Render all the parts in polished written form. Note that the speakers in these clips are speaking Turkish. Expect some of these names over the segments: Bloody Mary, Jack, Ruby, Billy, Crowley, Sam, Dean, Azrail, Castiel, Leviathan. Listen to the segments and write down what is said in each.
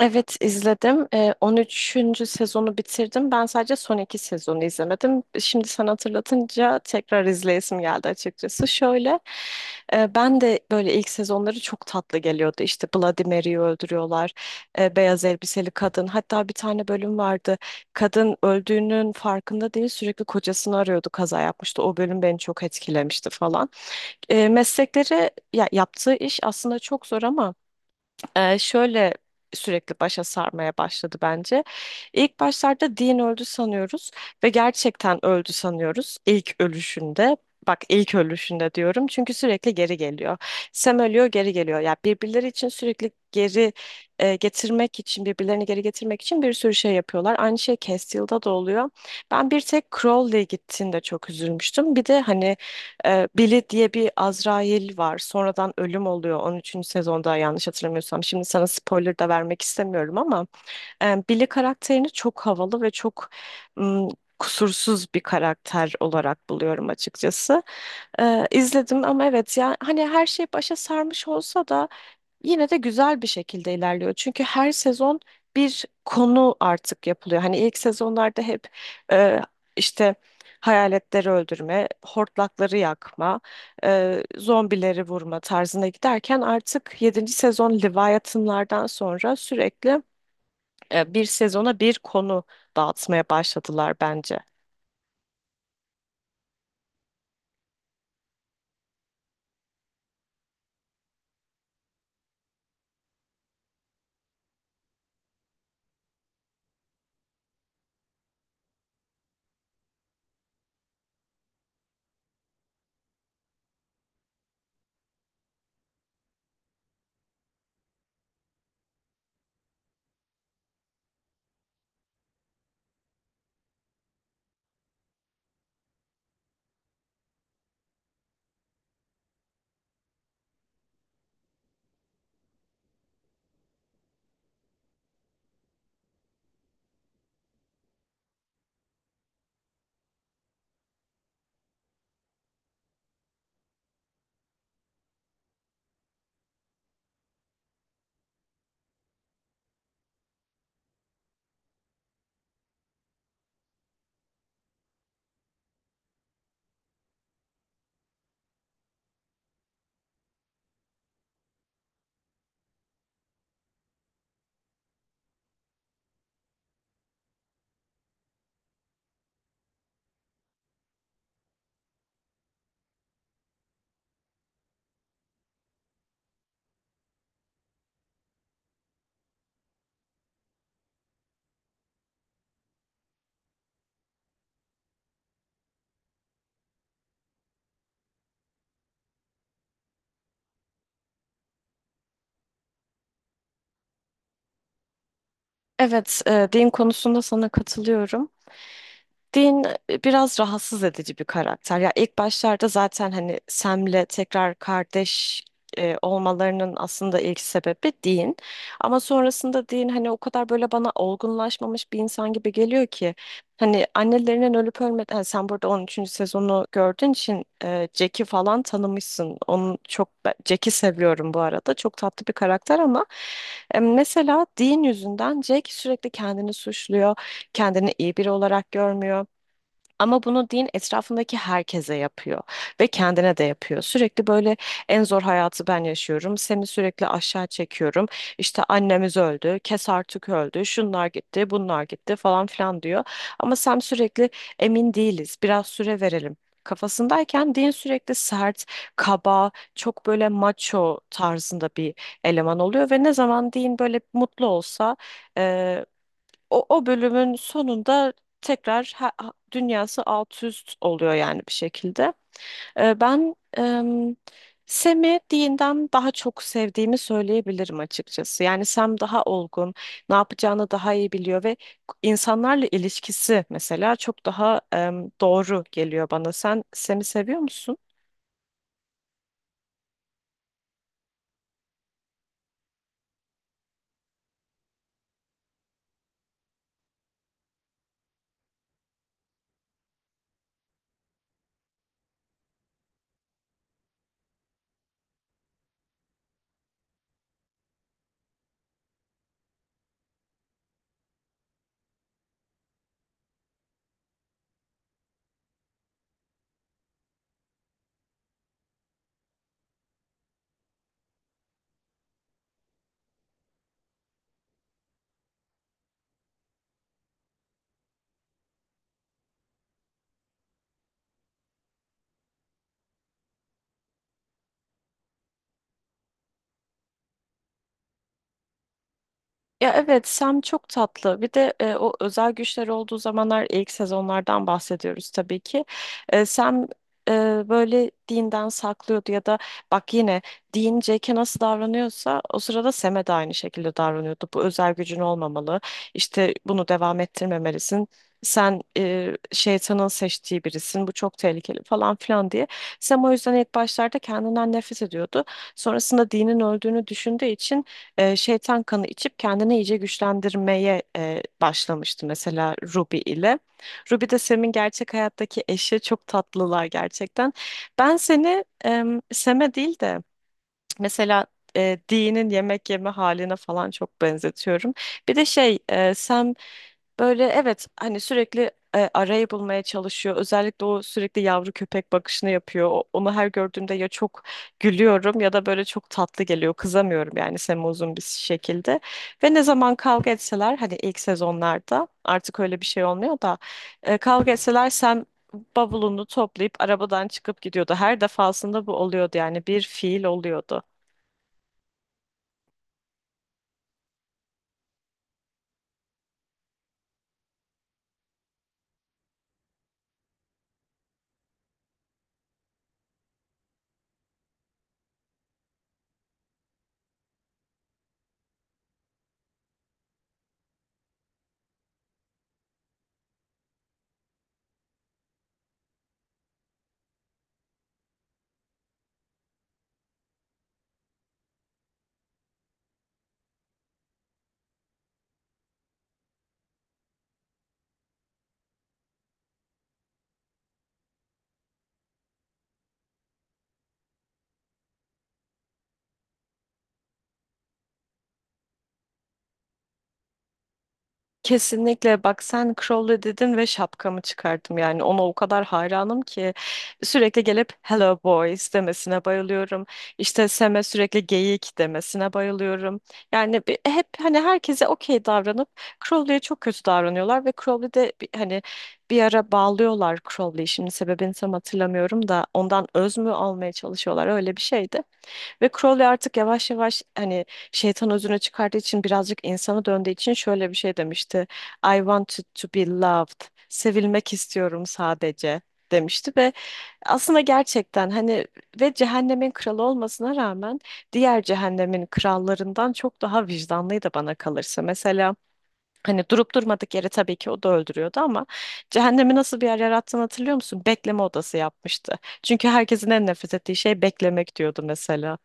Evet izledim. 13. sezonu bitirdim. Ben sadece son iki sezonu izlemedim. Şimdi sen hatırlatınca tekrar izleyesim geldi açıkçası. Şöyle ben de böyle ilk sezonları çok tatlı geliyordu. İşte Bloody Mary'yi öldürüyorlar. Beyaz elbiseli kadın. Hatta bir tane bölüm vardı. Kadın öldüğünün farkında değil sürekli kocasını arıyordu, kaza yapmıştı. O bölüm beni çok etkilemişti falan. Meslekleri ya, yaptığı iş aslında çok zor, ama şöyle sürekli başa sarmaya başladı bence. İlk başlarda Dean öldü sanıyoruz ve gerçekten öldü sanıyoruz ilk ölüşünde. Bak, ilk ölüşünde diyorum çünkü sürekli geri geliyor. Sam ölüyor, geri geliyor. Ya birbirleri için sürekli geri getirmek için, birbirlerini geri getirmek için bir sürü şey yapıyorlar. Aynı şey Castiel'da da oluyor. Ben bir tek Crowley gittiğinde çok üzülmüştüm. Bir de hani Billy diye bir Azrail var. Sonradan ölüm oluyor. On üçüncü sezonda, yanlış hatırlamıyorsam. Şimdi sana spoiler da vermek istemiyorum ama Billy karakterini çok havalı ve çok ım, kusursuz bir karakter olarak buluyorum açıkçası. İzledim ama, evet, yani hani her şey başa sarmış olsa da yine de güzel bir şekilde ilerliyor. Çünkü her sezon bir konu artık yapılıyor. Hani ilk sezonlarda hep e, işte hayaletleri öldürme, hortlakları yakma, zombileri vurma tarzına giderken artık yedinci sezon Leviathan'lardan sonra sürekli bir sezona bir konu dağıtmaya başladılar bence. Evet, din konusunda sana katılıyorum. Dean biraz rahatsız edici bir karakter. Ya ilk başlarda zaten hani Sam'le tekrar kardeş olmalarının aslında ilk sebebi Dean. Ama sonrasında Dean hani o kadar böyle bana olgunlaşmamış bir insan gibi geliyor ki, hani annelerinin ölüp ölmeden, sen burada 13. sezonu gördüğün için Jack'i falan tanımışsın. Onu çok Jack'i seviyorum bu arada. Çok tatlı bir karakter ama mesela Dean yüzünden Jack sürekli kendini suçluyor. Kendini iyi biri olarak görmüyor. Ama bunu din etrafındaki herkese yapıyor ve kendine de yapıyor. Sürekli böyle en zor hayatı ben yaşıyorum, seni sürekli aşağı çekiyorum, İşte annemiz öldü, kes artık öldü, şunlar gitti, bunlar gitti falan filan diyor. Ama sen sürekli emin değiliz, biraz süre verelim kafasındayken din sürekli sert, kaba, çok böyle macho tarzında bir eleman oluyor ve ne zaman din böyle mutlu olsa e, o, o bölümün sonunda tekrar dünyası alt üst oluyor yani bir şekilde. Ben Sam'i Dean'den daha çok sevdiğimi söyleyebilirim açıkçası. Yani Sam daha olgun, ne yapacağını daha iyi biliyor ve insanlarla ilişkisi mesela çok daha doğru geliyor bana. Sen Sam'i seviyor musun? Ya, evet, Sam çok tatlı. Bir de o özel güçleri olduğu zamanlar, ilk sezonlardan bahsediyoruz tabii ki. Sam e, böyle Dean'den saklıyordu ya da, bak yine, Dean Jack'e nasıl davranıyorsa o sırada Sam'e de aynı şekilde davranıyordu. Bu özel gücün olmamalı, İşte bunu devam ettirmemelisin, sen şeytanın seçtiği birisin, bu çok tehlikeli falan filan diye. Sam o yüzden ilk başlarda kendinden nefret ediyordu. Sonrasında Dean'in öldüğünü düşündüğü için şeytan kanı içip kendini iyice güçlendirmeye başlamıştı mesela Ruby ile. Ruby de Sam'in gerçek hayattaki eşi, çok tatlılar gerçekten. Ben seni Sam'e değil de mesela Dee'nin yemek yeme haline falan çok benzetiyorum. Bir de şey, Sam böyle, evet, hani sürekli arayı bulmaya çalışıyor. Özellikle o sürekli yavru köpek bakışını yapıyor. Onu her gördüğümde ya çok gülüyorum ya da böyle çok tatlı geliyor. Kızamıyorum yani Sam'e uzun bir şekilde. Ve ne zaman kavga etseler, hani ilk sezonlarda artık öyle bir şey olmuyor da, kavga etseler Sam bavulunu toplayıp arabadan çıkıp gidiyordu. Her defasında bu oluyordu yani, bir fiil oluyordu. Kesinlikle, bak sen Crowley dedin ve şapkamı çıkardım, yani ona o kadar hayranım ki, sürekli gelip hello boys demesine bayılıyorum, işte Sam'e sürekli geyik demesine bayılıyorum. Yani hep hani herkese okey davranıp Crowley'e çok kötü davranıyorlar ve Crowley de hani bir ara bağlıyorlar Crowley'i, şimdi sebebini tam hatırlamıyorum da, ondan öz mü almaya çalışıyorlar, öyle bir şeydi. Ve Crowley artık yavaş yavaş, hani, şeytan özüne çıkardığı için, birazcık insana döndüğü için şöyle bir şey demişti: "I wanted to be loved. Sevilmek istiyorum sadece," demişti. Ve aslında gerçekten hani, ve cehennemin kralı olmasına rağmen, diğer cehennemin krallarından çok daha vicdanlıydı bana kalırsa. Mesela hani durup durmadık yere tabii ki o da öldürüyordu ama, cehennemi nasıl bir yer yarattığını hatırlıyor musun? Bekleme odası yapmıştı. Çünkü herkesin en nefret ettiği şey beklemek, diyordu mesela.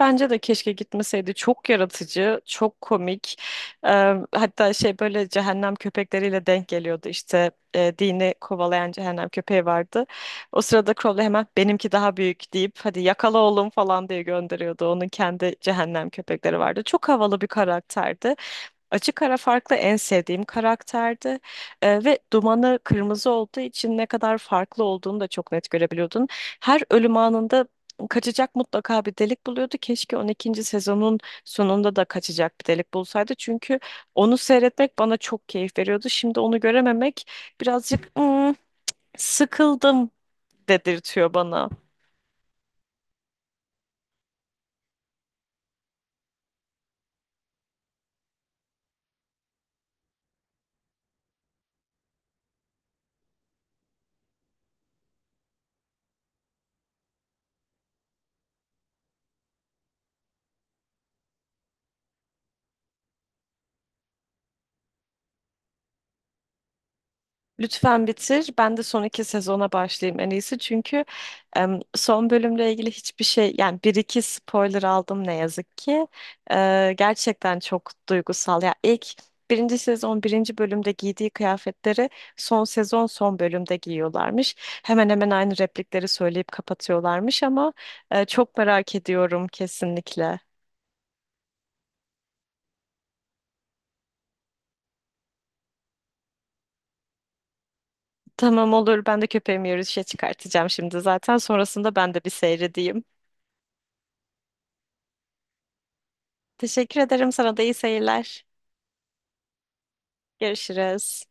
Bence de keşke gitmeseydi. Çok yaratıcı, çok komik. Ee, hatta şey, böyle cehennem köpekleriyle denk geliyordu. İşte dini kovalayan cehennem köpeği vardı. O sırada Crowley hemen "Benimki daha büyük," deyip "Hadi yakala oğlum," falan diye gönderiyordu. Onun kendi cehennem köpekleri vardı. Çok havalı bir karakterdi. Açık ara farklı, en sevdiğim karakterdi. Ve dumanı kırmızı olduğu için ne kadar farklı olduğunu da çok net görebiliyordun. Her ölüm anında kaçacak mutlaka bir delik buluyordu. Keşke 12. sezonun sonunda da kaçacak bir delik bulsaydı. Çünkü onu seyretmek bana çok keyif veriyordu. Şimdi onu görememek birazcık "Hmm, sıkıldım," dedirtiyor bana. Lütfen bitir. Ben de son iki sezona başlayayım, en iyisi. Çünkü son bölümle ilgili hiçbir şey, yani bir iki spoiler aldım ne yazık ki. Gerçekten çok duygusal. Ya, ilk birinci sezon birinci bölümde giydiği kıyafetleri son sezon son bölümde giyiyorlarmış. Hemen hemen aynı replikleri söyleyip kapatıyorlarmış ama çok merak ediyorum kesinlikle. Tamam, olur. Ben de köpeğimi yürüyüşe çıkartacağım şimdi zaten. Sonrasında ben de bir seyredeyim. Teşekkür ederim. Sana da iyi seyirler. Görüşürüz.